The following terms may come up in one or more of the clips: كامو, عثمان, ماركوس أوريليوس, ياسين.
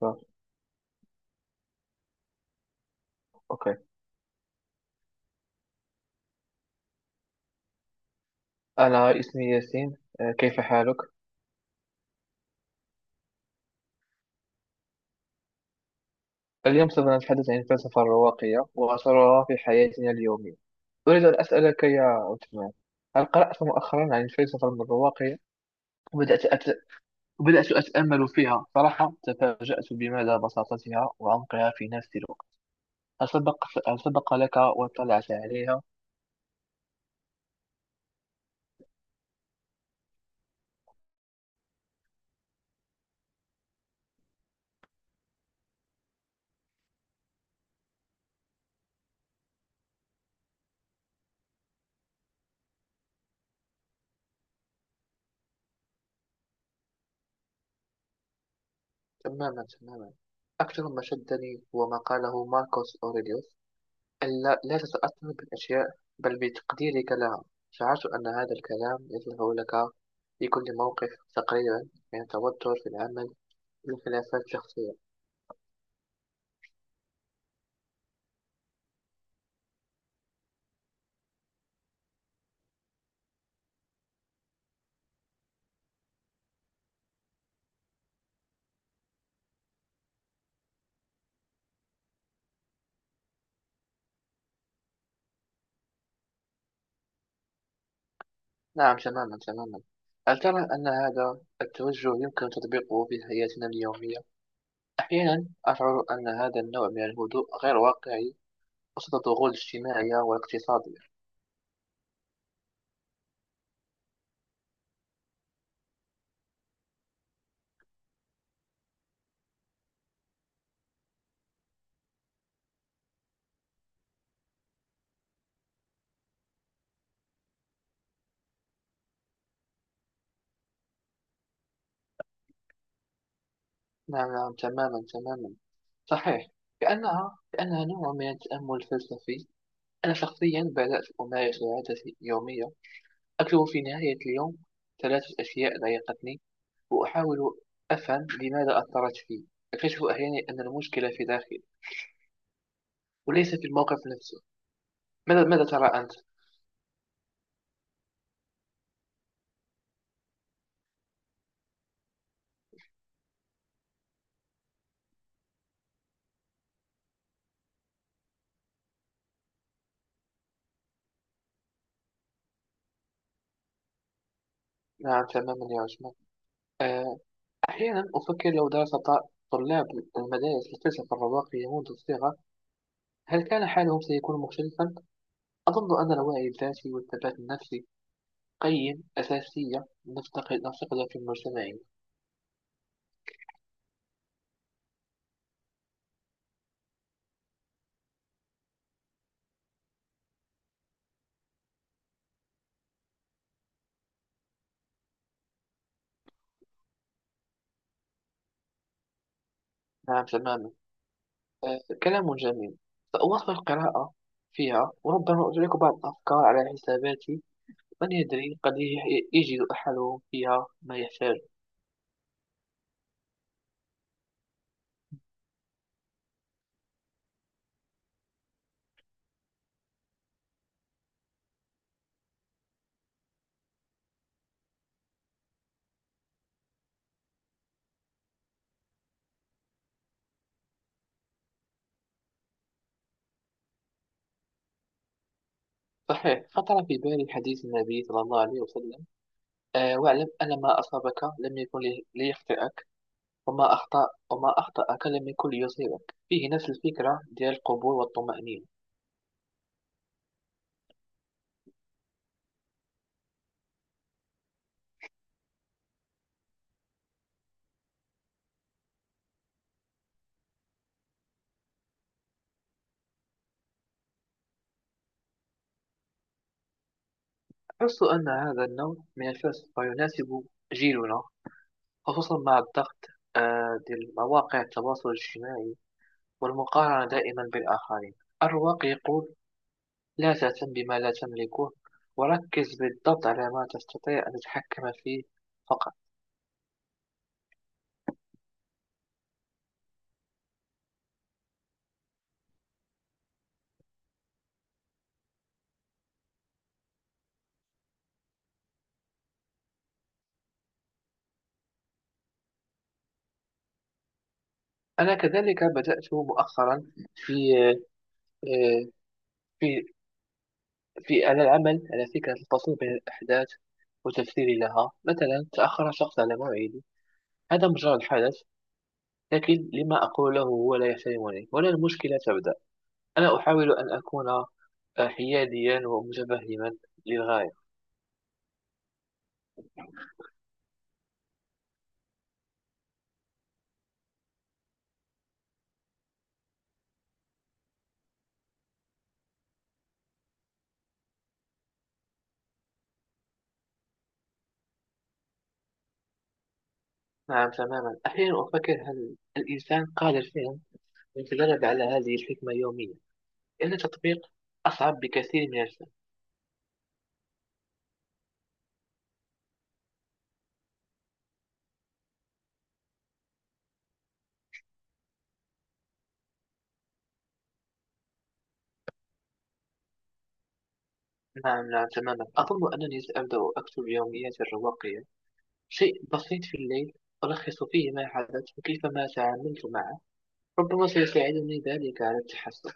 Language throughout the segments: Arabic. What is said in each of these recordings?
صح. أوكي. أنا اسمي ياسين، كيف حالك؟ اليوم سوف نتحدث عن الفلسفة الرواقية وأثرها في حياتنا اليومية. أريد أن أسألك يا عثمان، هل قرأت مؤخرا عن الفلسفة الرواقية؟ وبدأت أت... وبدأت أتأمل فيها. صراحة تفاجأت بمدى بساطتها وعمقها في نفس الوقت. هل سبق هل سبق لك واطلعت عليها؟ تماما، تماما. أكثر ما شدني هو ما قاله ماركوس أوريليوس: ألا لا تتأثر بالأشياء، بل بتقديرك لها. شعرت أن هذا الكلام يصلح لك في كل موقف تقريبا، من التوتر في العمل والخلافات الشخصية. نعم، تماما تماما. هل ترى أن هذا التوجه يمكن تطبيقه في حياتنا اليومية؟ أحيانا أشعر أن هذا النوع من الهدوء غير واقعي وسط الضغوط الاجتماعية والاقتصادية. نعم نعم، تماما تماما، صحيح. كأنها نوع من التأمل الفلسفي. أنا شخصيا بدأت أمارس عادة يومية، أكتب في نهاية اليوم ثلاثة أشياء ضايقتني وأحاول أفهم لماذا أثرت في. أكتشف أحيانا أن المشكلة في داخلي وليس في الموقف نفسه. ماذا ترى أنت؟ نعم تماما يا عثمان. آه، أحيانا أفكر، لو درس طلاب المدارس الفلسفة الرواقية منذ الصغر، هل كان حالهم سيكون مختلفا؟ أظن أن الوعي الذاتي والثبات النفسي قيم أساسية نفتقدها في مجتمعنا. نعم تماما، كلام جميل. سأواصل القراءة فيها، وربما أشارك بعض الأفكار على حساباتي. من يدري، قد يجد أحدهم فيها ما يحتاج. صحيح، خطر في بالي حديث النبي صلى الله عليه وسلم: أه، واعلم أن ما أصابك لم يكن ليخطئك، وما أخطأك لم يكن ليصيبك. فيه نفس الفكرة ديال القبول والطمأنينة. أحس أن هذا النوع من الفلسفة يناسب جيلنا، خصوصا مع الضغط ديال مواقع التواصل الاجتماعي والمقارنة دائما بالآخرين. الرواق يقول لا تهتم بما لا تملكه، وركز بالضبط على ما تستطيع أن تتحكم فيه فقط. أنا كذلك بدأت مؤخرا في آه، في في على العمل على فكرة الفصل بين الأحداث وتفسيري لها. مثلا تأخر شخص على موعدي، هذا مجرد حدث، لكن لما أقوله هو لا يحترمني ولا، المشكلة تبدأ. أنا أحاول أن أكون حياديا ومتفهما للغاية. نعم تماما. أحيانا أفكر، هل الإنسان قادر فعلا أن يتدرب على هذه الحكمة يوميا؟ لأن التطبيق أصعب بكثير من الفهم. نعم نعم تماما، أظن أنني سأبدأ أكتب يومياتي الرواقية، شيء بسيط في الليل ألخص فيه ما حدث وكيف ما تعاملت معه. ربما سيساعدني ذلك على التحسن.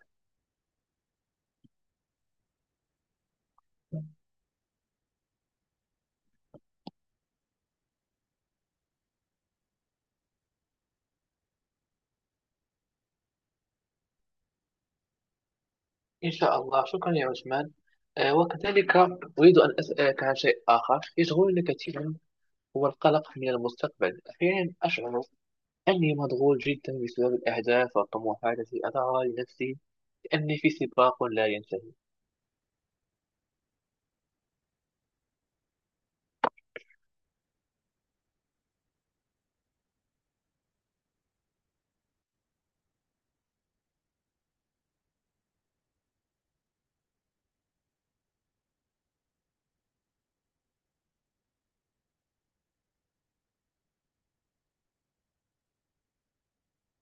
إن شاء الله. شكرا يا عثمان. وكذلك أريد أن أسألك عن شيء آخر يشغلني كثيرا، هو القلق من المستقبل. أحيانا أشعر أني مشغول جدا بسبب الأهداف والطموحات التي أضعها لنفسي، لأني في سباق لا ينتهي.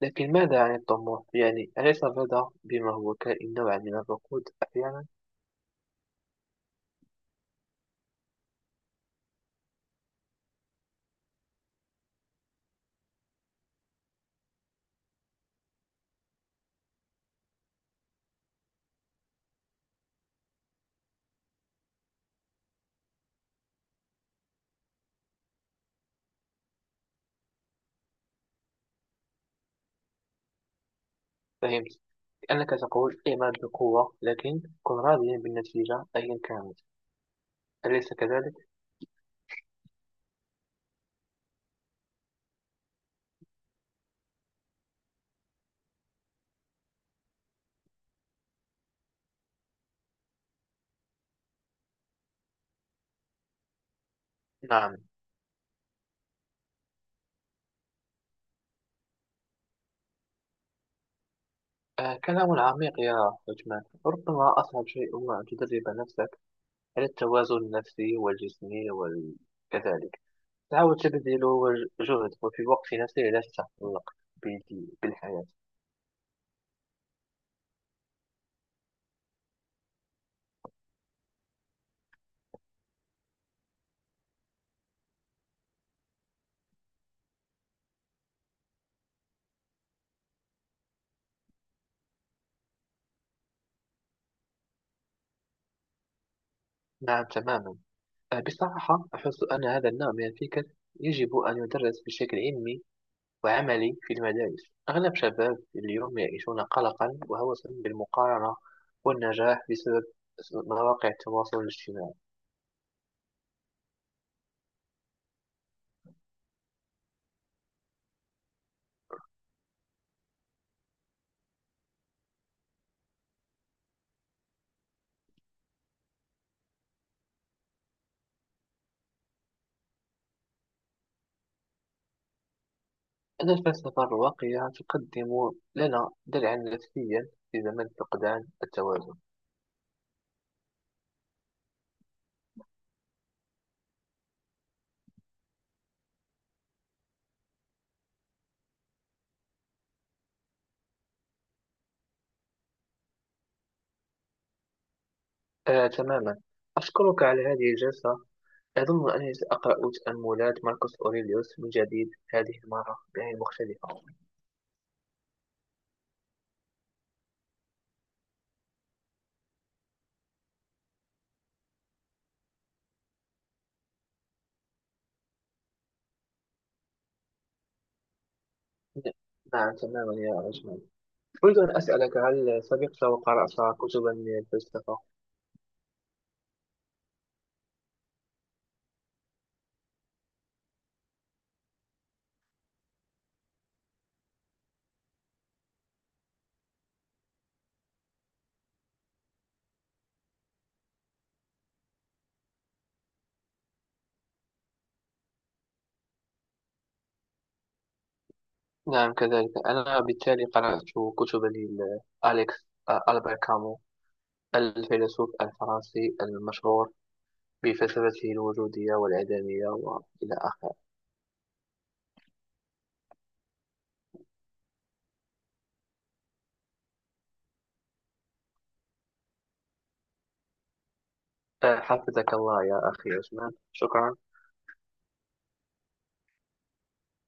لكن ماذا عن الطموح؟ يعني أليس الرضا بما هو كائن نوعا من الركود أحيانا؟ فهمت، لأنك تقول اعمل بقوة لكن كن راضيا بالنتيجة أيا كانت، أليس كذلك؟ نعم. آه، كلام عميق يا عثمان. ربما أصعب شيء هو أن تدرب نفسك على التوازن النفسي والجسمي، وكذلك تعاود تبذل جهد وفي وقت يسير لا تتعلق بالحياة. نعم تماما. أه، بصراحة أحس أن هذا النوع من الفكر يجب أن يدرس بشكل علمي وعملي في المدارس. أغلب شباب اليوم يعيشون قلقا وهوسا بالمقارنة والنجاح بسبب مواقع التواصل الاجتماعي. أن الفلسفة الراقية تقدم لنا درعا نفسيا في زمن فقدان التوازن. أه تماما. أشكرك على هذه الجلسة. أظن أنني سأقرأ تأملات ماركوس أوريليوس من جديد، هذه المرة بعين مختلفة. نعم تماما يا أجمل. أريد أن أسألك، هل سبق وقرأت كتبا من الفلسفة؟ نعم كذلك، أنا بالتالي قرأت كتبا لأليكس، ألبر كامو، الفيلسوف الفرنسي المشهور بفلسفته الوجودية والعدمية وإلى آخره. حفظك الله يا أخي عثمان. شكرا